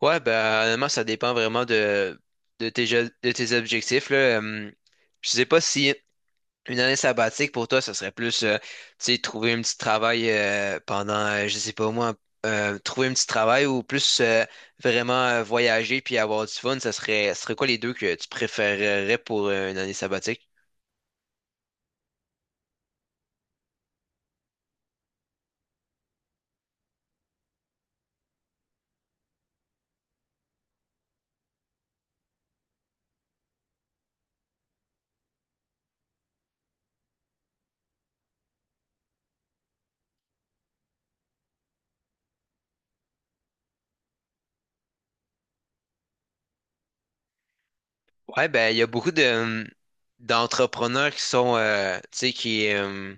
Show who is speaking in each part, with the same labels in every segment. Speaker 1: Ouais, ben, honnêtement, ça dépend vraiment de tes objectifs, là. Je sais pas si une année sabbatique pour toi, ça serait plus, tu sais, trouver un petit travail pendant, je sais pas moi, trouver un petit travail ou plus vraiment voyager puis avoir du fun, ça serait quoi les deux que tu préférerais pour une année sabbatique? Ouais, ben, il y a beaucoup de, d'entrepreneurs qui sont, tu sais, qui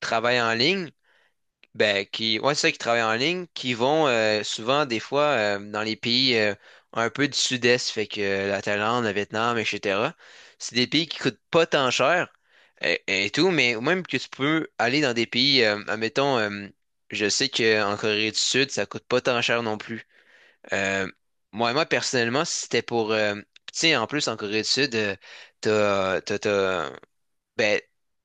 Speaker 1: travaillent en ligne. Ben, qui, ouais, c'est ça, qui travaillent en ligne, qui vont souvent, des fois, dans les pays un peu du sud-est, fait que la Thaïlande, le Vietnam, etc. C'est des pays qui coûtent pas tant cher et tout, mais même que tu peux aller dans des pays, admettons, je sais qu'en Corée du Sud, ça coûte pas tant cher non plus. Euh, moi, personnellement, si c'était pour. Tu sais, en plus, en Corée du Sud, t'as, t'as, t'as- ben,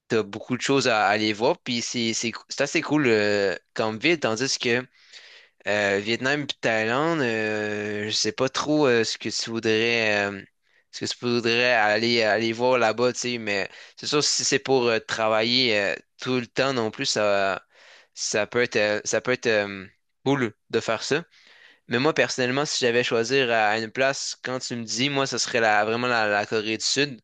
Speaker 1: t'as beaucoup de choses à aller voir, puis c'est assez cool comme ville, tandis que Vietnam puis Thaïlande, je sais pas trop ce que tu voudrais ce que tu voudrais aller voir là-bas, tu sais, mais c'est sûr si c'est pour travailler tout le temps non plus, ça peut être cool de faire ça. Mais moi personnellement, si j'avais à choisir à une place, quand tu me dis, moi, ce serait vraiment la Corée du Sud.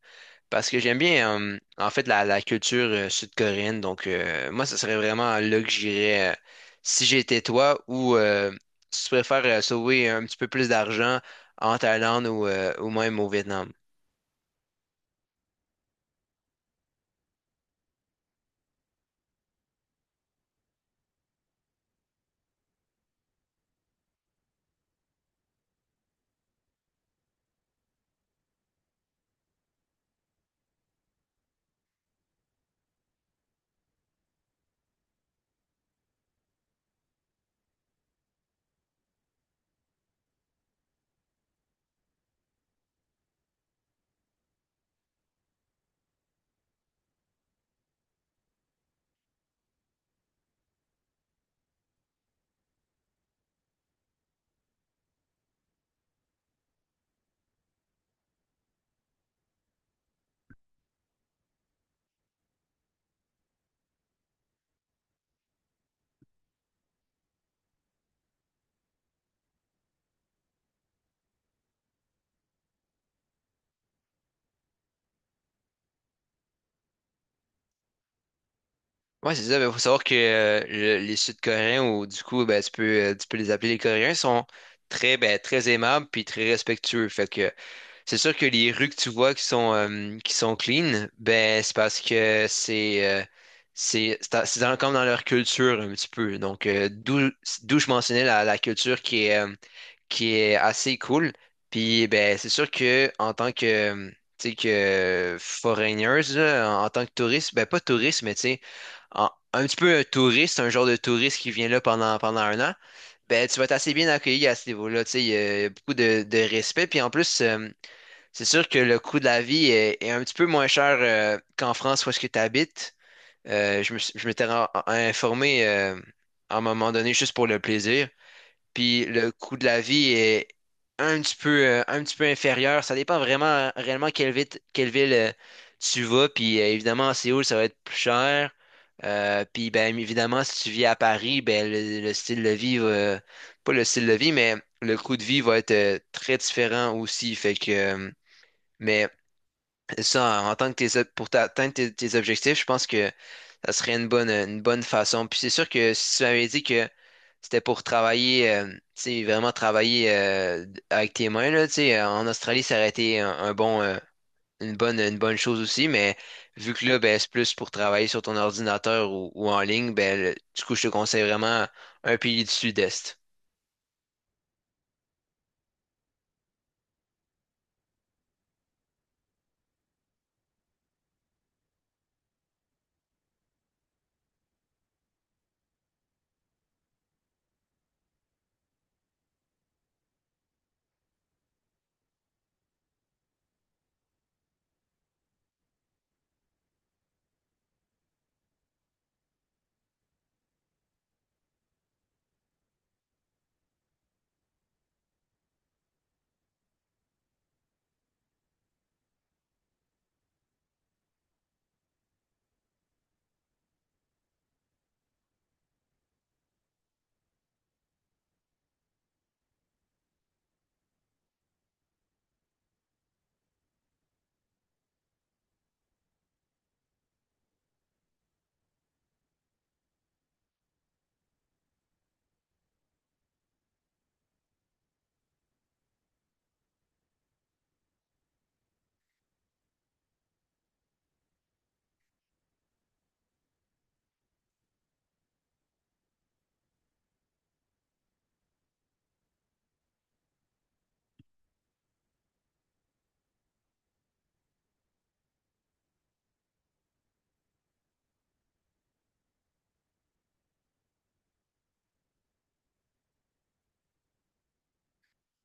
Speaker 1: Parce que j'aime bien, en fait, la culture sud-coréenne. Donc, moi, ce serait vraiment là que j'irais si j'étais toi ou si tu préfères sauver un petit peu plus d'argent en Thaïlande ou même au Vietnam. Ouais, c'est ça. Il faut savoir que les Sud-Coréens, ou du coup, ben, tu peux les appeler les Coréens, sont très, ben, très aimables puis très respectueux. Fait que c'est sûr que les rues que tu vois qui sont clean, ben, c'est parce que c'est comme dans leur culture un petit peu. Donc, d'où je mentionnais la culture qui est assez cool. Puis, ben, c'est sûr que en tant que, tu sais, que foreigners, là, en tant que touriste, ben, pas touriste, mais tu sais, un petit peu un touriste, un genre de touriste qui vient là pendant un an, ben, tu vas être assez bien accueilli à ce niveau-là. Tu sais, il y a beaucoup de respect. Puis en plus, c'est sûr que le coût de la vie est un petit peu moins cher qu'en France où est-ce que tu habites. Je m'étais informé à un moment donné juste pour le plaisir. Puis le coût de la vie est un petit peu inférieur. Ça dépend vraiment réellement quelle ville tu vas. Puis évidemment, à Séoul, ça va être plus cher. Puis ben évidemment, si tu vis à Paris, ben le style de vie pas le style de vie, mais le coût de vie va être très différent aussi. Fait que mais et ça, en tant que pour atteindre tes objectifs, je pense que ça serait une bonne façon. Puis c'est sûr que si tu m'avais dit que c'était pour travailler, tu sais, vraiment travailler avec tes mains, là, tu sais, en Australie, ça aurait été un bon, une bonne chose aussi, mais vu que là, ben, c'est plus pour travailler sur ton ordinateur ou en ligne, ben, du coup, je te conseille vraiment un pays du Sud-Est.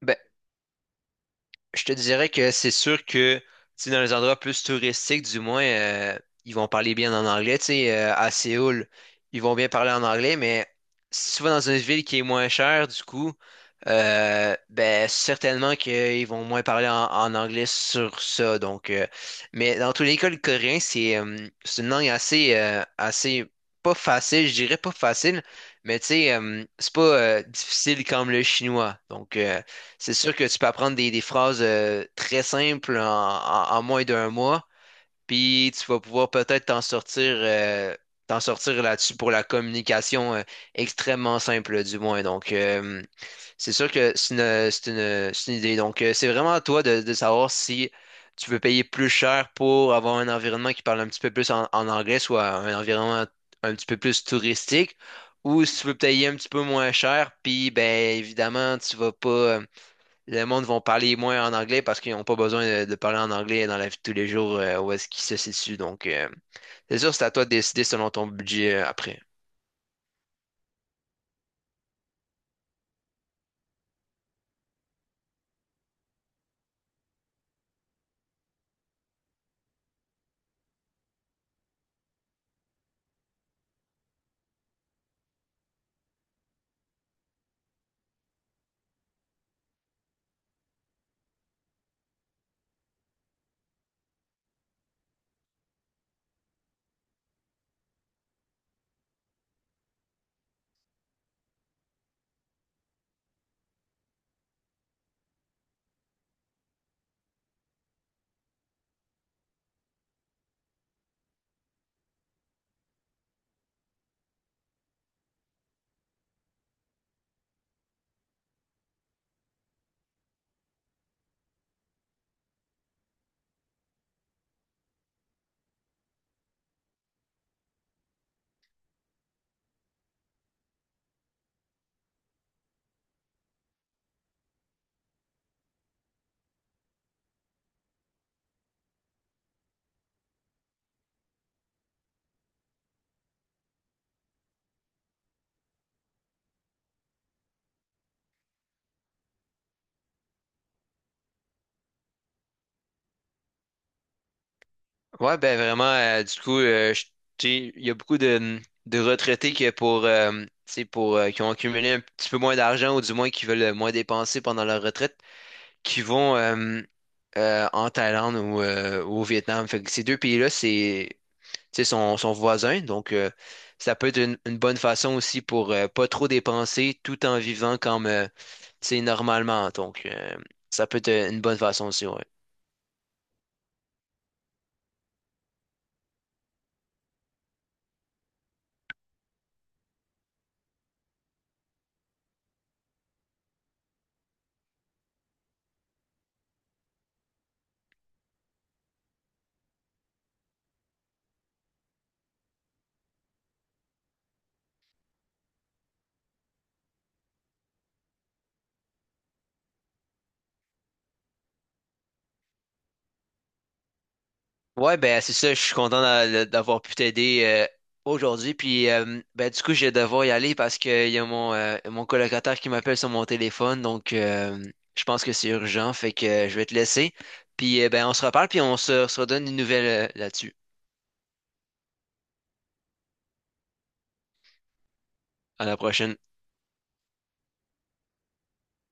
Speaker 1: Ben, je te dirais que c'est sûr que tu sais, dans les endroits plus touristiques, du moins, ils vont parler bien en anglais. Tu sais, à Séoul, ils vont bien parler en anglais, mais si tu vas dans une ville qui est moins chère, du coup, ben certainement qu'ils vont moins parler en, en anglais sur ça. Donc, mais dans tous les cas, le coréen, c'est une langue assez, assez pas facile, je dirais pas facile, mais tu sais, c'est pas difficile comme le chinois. Donc, c'est sûr que tu peux apprendre des phrases très simples en moins d'un mois, puis tu vas pouvoir peut-être t'en sortir là-dessus pour la communication extrêmement simple, là, du moins. Donc, c'est sûr que c'est une idée. Donc, c'est vraiment à toi de savoir si tu veux payer plus cher pour avoir un environnement qui parle un petit peu plus en, en anglais, soit un environnement un petit peu plus touristique, ou si tu veux payer un petit peu moins cher, puis, ben, évidemment, tu vas pas. Le monde vont parler moins en anglais parce qu'ils n'ont pas besoin de parler en anglais dans la vie de tous les jours où est-ce qu'ils se situent. Donc, c'est sûr, c'est à toi de décider selon ton budget après. Ouais, ben vraiment, tu sais, il y a beaucoup de retraités que pour, tu sais, pour, qui ont accumulé un petit peu moins d'argent ou du moins qui veulent moins dépenser pendant leur retraite, qui vont en Thaïlande ou au Vietnam. Fait que ces deux pays-là, c'est tu sais, son voisin. Donc, ça peut être une bonne façon aussi pour pas trop dépenser tout en vivant comme tu sais, normalement. Donc, ça peut être une bonne façon aussi, ouais. Ouais, ben c'est ça, je suis content d'avoir pu t'aider aujourd'hui. Puis ben du coup, je vais devoir y aller parce qu'il y a mon, mon colocataire qui m'appelle sur mon téléphone. Donc je pense que c'est urgent. Fait que je vais te laisser. Puis ben on se reparle, puis on se redonne une nouvelle là-dessus. À la prochaine.